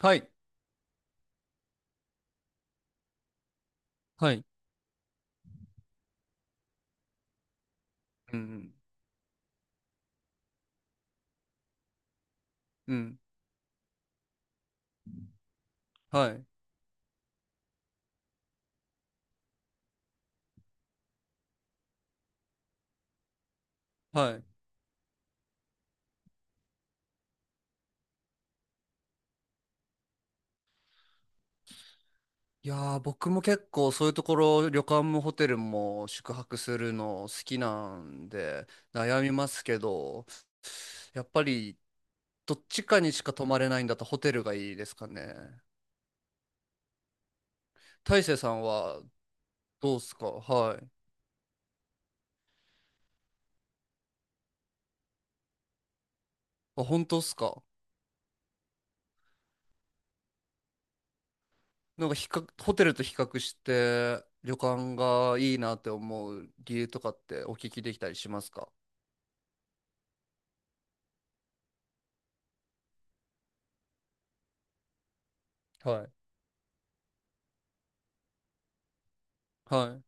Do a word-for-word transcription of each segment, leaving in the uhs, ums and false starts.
はい。はい。うん。うん。はい。はい。いやー、僕も結構そういうところ、旅館もホテルも宿泊するの好きなんで、悩みますけど、やっぱりどっちかにしか泊まれないんだったらホテルがいいですかね。大成さんはどうっすか。はい。あ、本当っすか？なんか比較、ホテルと比較して旅館がいいなって思う理由とかってお聞きできたりしますか？はい。はい。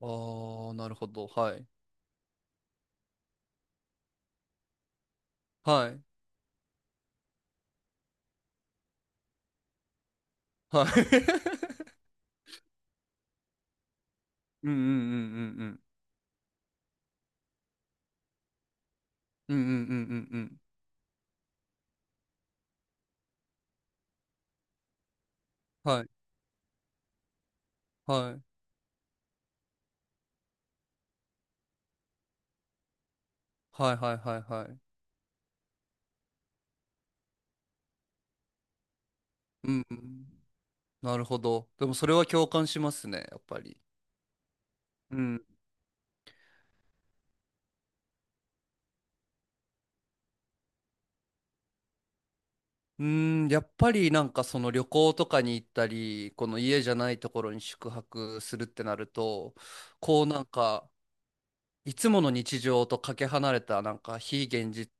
ああ、なるほど。はい。はい。はい。うんうんうんうんうん。うんうんうんうんうん。はい。はい。はいはいはいはい。うんうん。なるほど。でもそれは共感しますね、やっぱり。うん。うーん、やっぱりなんかその旅行とかに行ったり、この家じゃないところに宿泊するってなると、こうなんか、いつもの日常とかけ離れたなんか非現実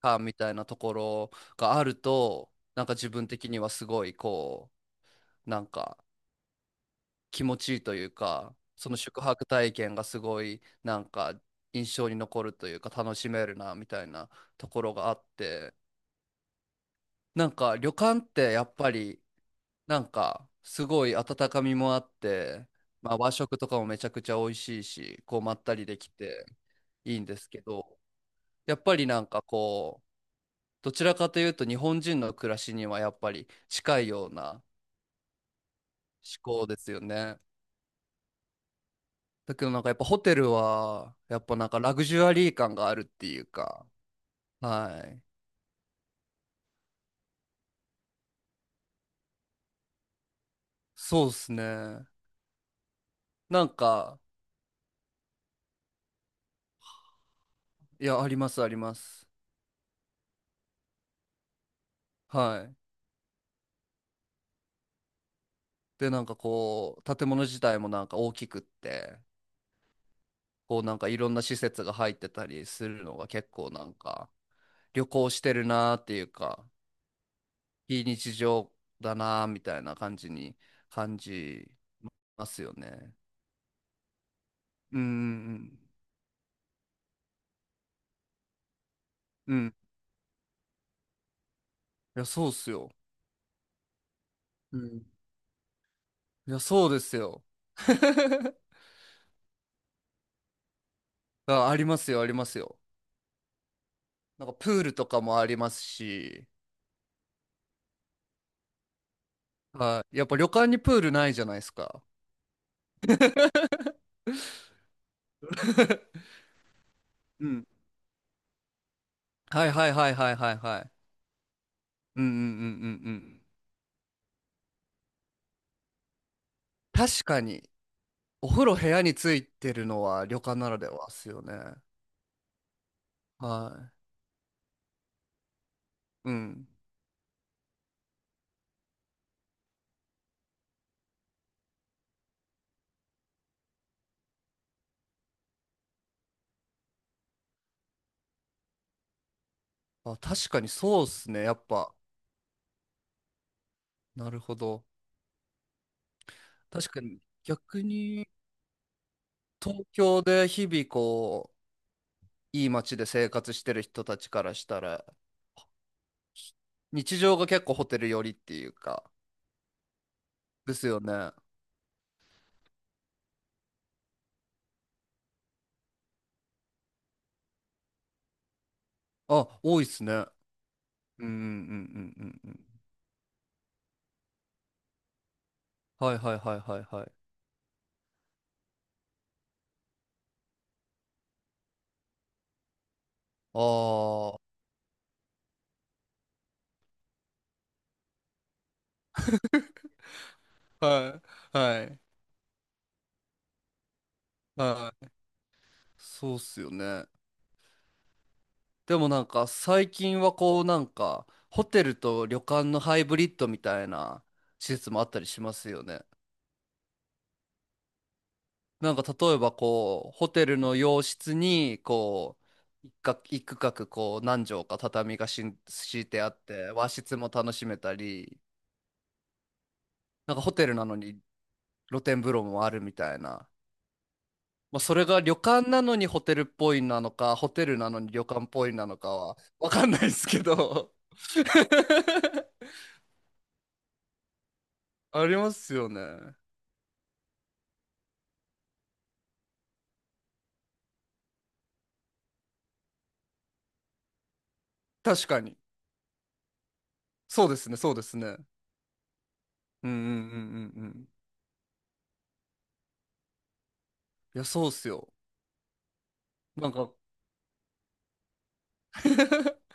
感みたいなところがあると、なんか自分的にはすごいこう、なんか気持ちいいというか、その宿泊体験がすごいなんか印象に残るというか楽しめるなみたいなところがあって、なんか旅館ってやっぱりなんかすごい温かみもあって、まあ、和食とかもめちゃくちゃ美味しいし、こうまったりできていいんですけど、やっぱりなんかこう、どちらかというと日本人の暮らしにはやっぱり近いような思考ですよね。だけどなんかやっぱホテルは、やっぱなんかラグジュアリー感があるっていうか、はい。そうですね。なんか、いや、ありますあります。はい。で、なんかこう、建物自体もなんか大きくって、こうなんかいろんな施設が入ってたりするのが結構なんか、旅行してるなーっていうか、非日常だなーみたいな感じに感じますよね。うんうんうん。うん。いや、そうっすよ。うん、いや、そうですよ。あ、ありますよ、ありますよ。なんかプールとかもありますし、はい。やっぱ旅館にプールないじゃないですか。うん。はいはいはいはいはいはい。うんうんうんうんうん。確かに、お風呂部屋についてるのは旅館ならではですよね。はい。うん。あ、確かにそうっすね、やっぱ。なるほど。確かに、逆に、東京で日々こう、いい街で生活してる人たちからしたら、日常が結構ホテル寄りっていうか、ですよね。あ、多いっすね。うんうんうんうんうんうん。はいはいはいはいはい。ああ、はい、はい、はい。そうっすよね。でもなんか最近はこうなんか、ホテルと旅館のハイブリッドみたいな施設もあったりしますよね。なんか例えばこう、ホテルの洋室にこう、一角一区画こう何畳か畳がしん敷いてあって和室も楽しめたりなんかホテルなのに露天風呂もあるみたいな。まあ、それが旅館なのにホテルっぽいなのか、ホテルなのに旅館っぽいなのかはわかんないですけど。ありますよね。確かに。そうですね、そうですね。うんうんうんうんうん。いや、そうっすよ。なんか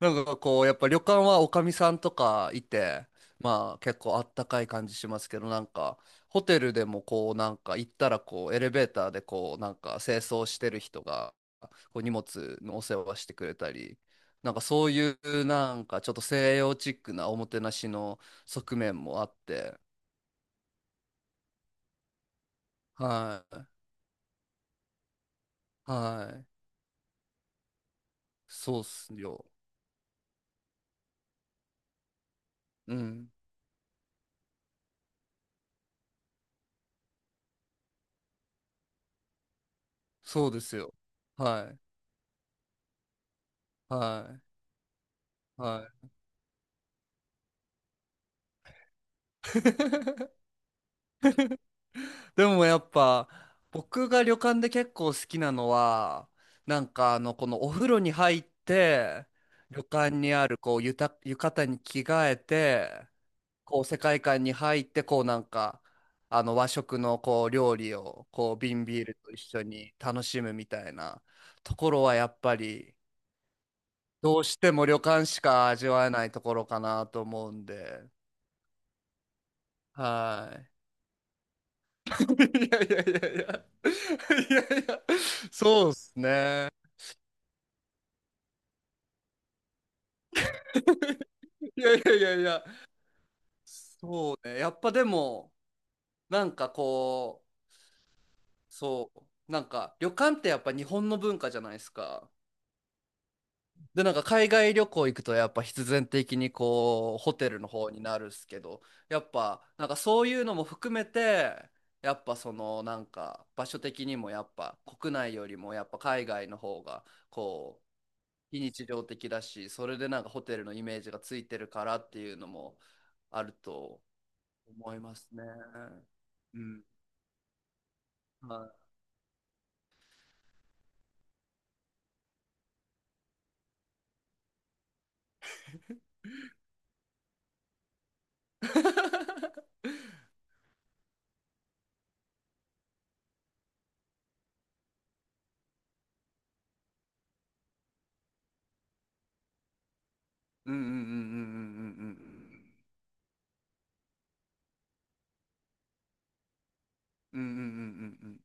なんかこう、やっぱ旅館はおかみさんとかいて、まあ結構あったかい感じしますけど、なんかホテルでもこうなんか行ったらこうエレベーターでこうなんか清掃してる人がこう荷物のお世話してくれたり、なんかそういうなんかちょっと西洋チックなおもてなしの側面もあって、はい、はい、そうっすよ。うん、そうですよ。はい、はい、はい。でもやっぱ僕が旅館で結構好きなのはなんかあのこのお風呂に入って旅館にあるこうゆた浴衣に着替えてこう世界観に入ってこうなんかあの和食のこう料理をこう瓶ビールと一緒に楽しむみたいなところはやっぱりどうしても旅館しか味わえないところかなと思うんで、はい。いやいやいやいや。いやいや、そうっすね。いやいやいやいや、そうね。やっぱでも、なんかこう、そう、なんか旅館ってやっぱ日本の文化じゃないですか。で、なんか海外旅行行くとやっぱ必然的にこう、ホテルの方になるっすけど、やっぱなんかそういうのも含めて、やっぱそのなんか場所的にもやっぱ国内よりもやっぱ海外の方がこう、非日常的だし、それでなんかホテルのイメージがついてるからっていうのもあると思いますね。うん。はい。うんうんうんうんうんうんうんうんうんうんうんうん。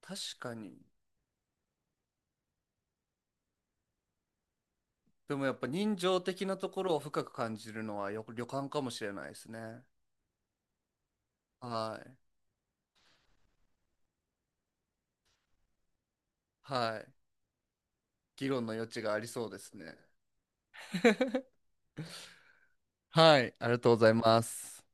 確かに。でもやっぱ人情的なところを深く感じるのはよ旅館かもしれないですね。はい。はい。議論の余地がありそうですね。はい。ありがとうございます。